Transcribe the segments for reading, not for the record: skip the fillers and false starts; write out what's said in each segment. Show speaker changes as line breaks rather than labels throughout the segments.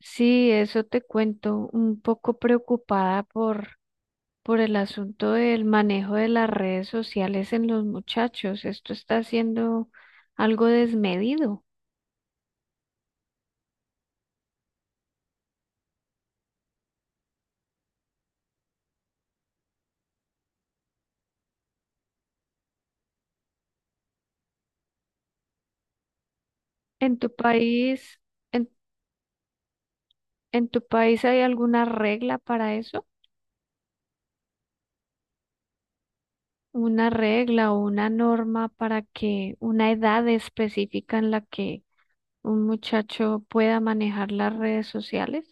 Sí, eso te cuento, un poco preocupada por el asunto del manejo de las redes sociales en los muchachos. Esto está siendo algo desmedido. ¿En tu país, en, en tu país hay alguna regla para eso? ¿Una regla o una norma para que una edad específica en la que un muchacho pueda manejar las redes sociales?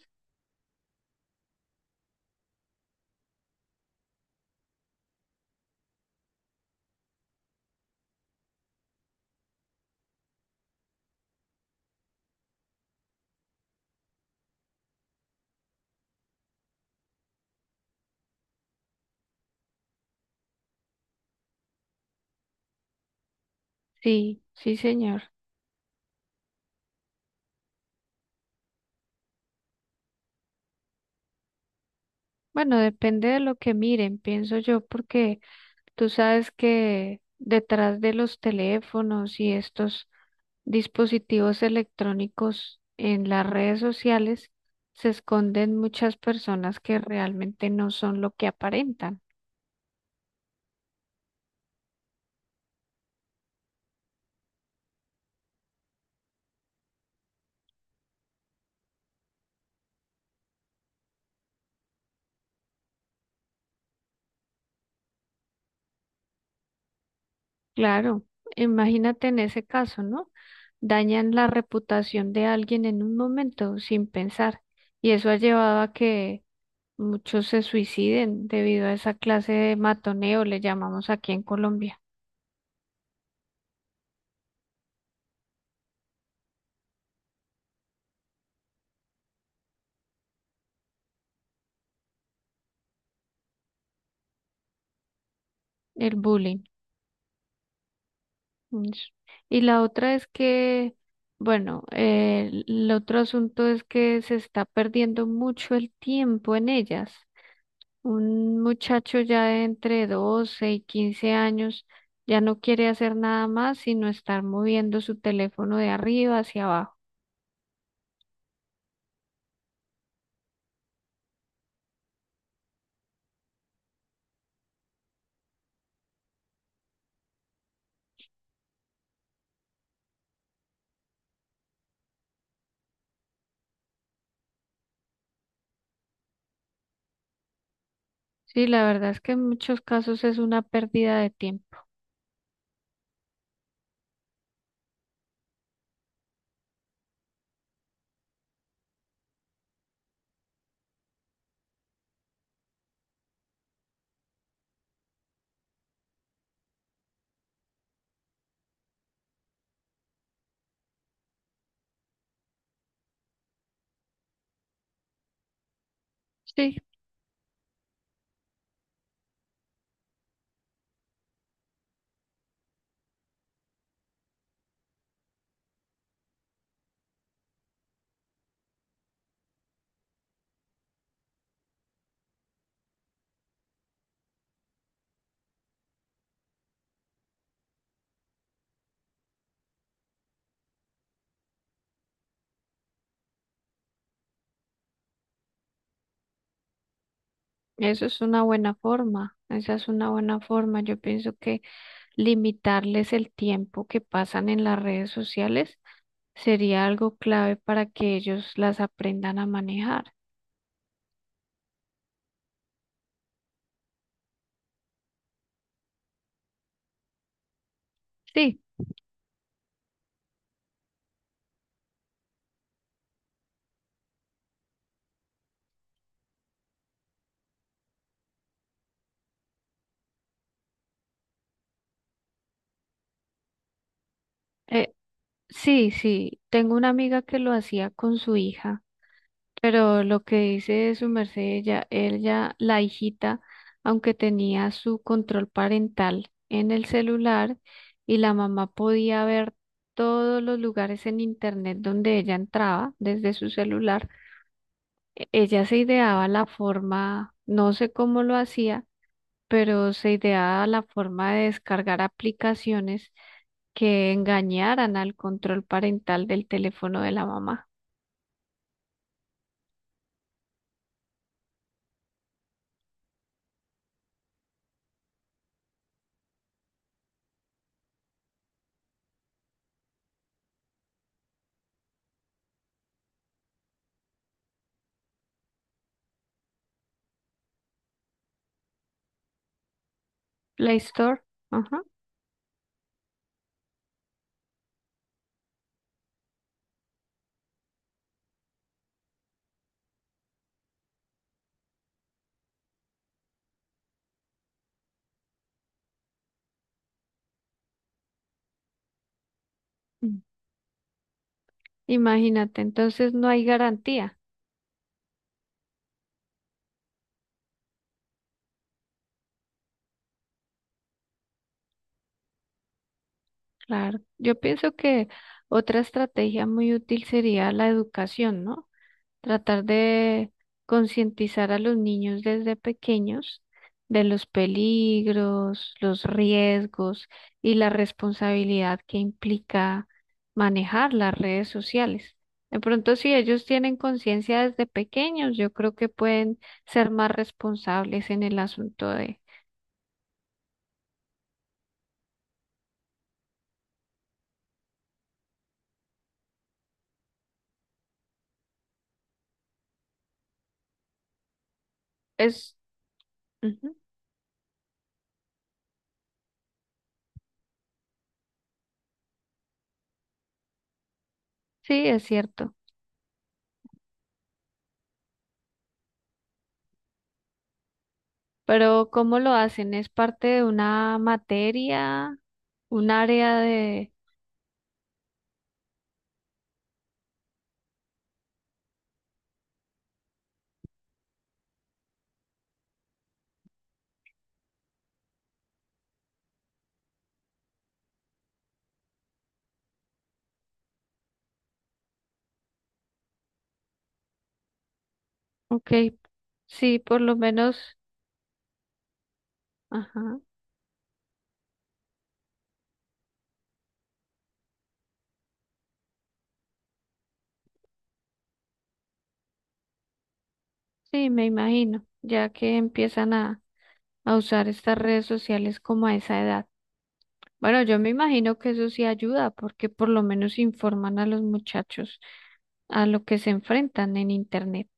Sí, sí, señor. Bueno, depende de lo que miren, pienso yo, porque tú sabes que detrás de los teléfonos y estos dispositivos electrónicos en las redes sociales se esconden muchas personas que realmente no son lo que aparentan. Claro, imagínate en ese caso, ¿no? Dañan la reputación de alguien en un momento sin pensar y eso ha llevado a que muchos se suiciden debido a esa clase de matoneo, le llamamos aquí en Colombia, el bullying. Ish. Y la otra es bueno, el otro asunto es que se está perdiendo mucho el tiempo en ellas. Un muchacho ya de entre 12 y 15 años ya no quiere hacer nada más sino estar moviendo su teléfono de arriba hacia abajo. Sí, la verdad es que en muchos casos es una pérdida de tiempo. Sí. Eso es una buena forma, esa es una buena forma. Yo pienso que limitarles el tiempo que pasan en las redes sociales sería algo clave para que ellos las aprendan a manejar. Sí, eh, sí, sí. Tengo una amiga que lo hacía con su hija. Pero lo que dice su merced, ella, la hijita, aunque tenía su control parental en el celular y la mamá podía ver todos los lugares en internet donde ella entraba desde su celular, ella se ideaba la forma, no sé cómo lo hacía, pero se ideaba la forma de descargar aplicaciones que engañaran al control parental del teléfono de la mamá. Play Store, ajá. Imagínate, entonces no hay garantía. Claro, yo pienso que otra estrategia muy útil sería la educación, ¿no? Tratar de concientizar a los niños desde pequeños de los peligros, los riesgos y la responsabilidad que implica manejar las redes sociales. De pronto, si ellos tienen conciencia desde pequeños, yo creo que pueden ser más responsables en el asunto de es. Ujú. Sí, es cierto. Pero ¿cómo lo hacen? ¿Es parte de una materia, un área de... Ok, sí, por lo menos, ajá, sí, me imagino, ya que empiezan a usar estas redes sociales como a esa edad. Bueno, yo me imagino que eso sí ayuda, porque por lo menos informan a los muchachos a lo que se enfrentan en Internet.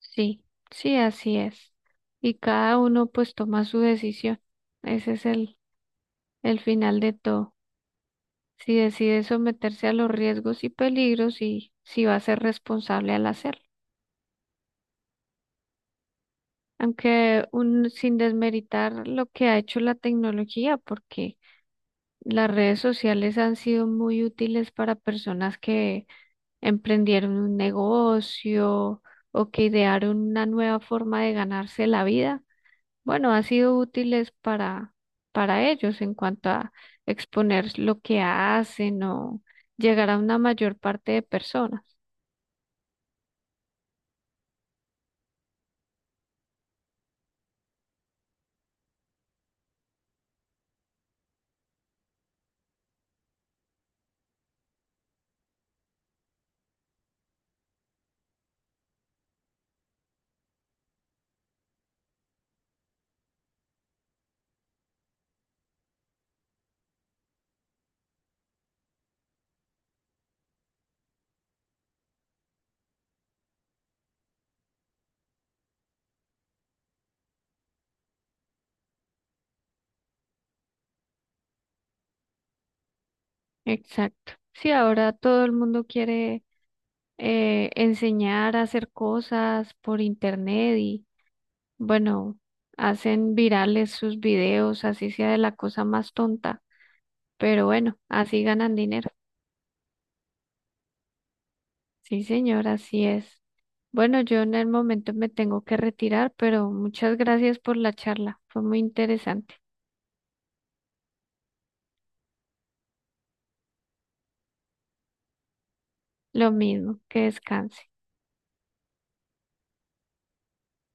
Sí, sí, así es. Y cada uno pues toma su decisión. Ese es el final de todo. Si decide someterse a los riesgos y peligros y si va a ser responsable al hacerlo. Aunque un, sin desmeritar lo que ha hecho la tecnología, porque las redes sociales han sido muy útiles para personas que emprendieron un negocio o que idearon una nueva forma de ganarse la vida bueno, ha sido útiles para ellos en cuanto a exponer lo que hacen o llegar a una mayor parte de personas. Exacto. Sí, ahora todo el mundo quiere enseñar a hacer cosas por internet y bueno, hacen virales sus videos, así sea de la cosa más tonta, pero bueno, así ganan dinero. Sí, señor, así es. Bueno, yo en el momento me tengo que retirar, pero muchas gracias por la charla. Fue muy interesante. Lo mismo, que descanse.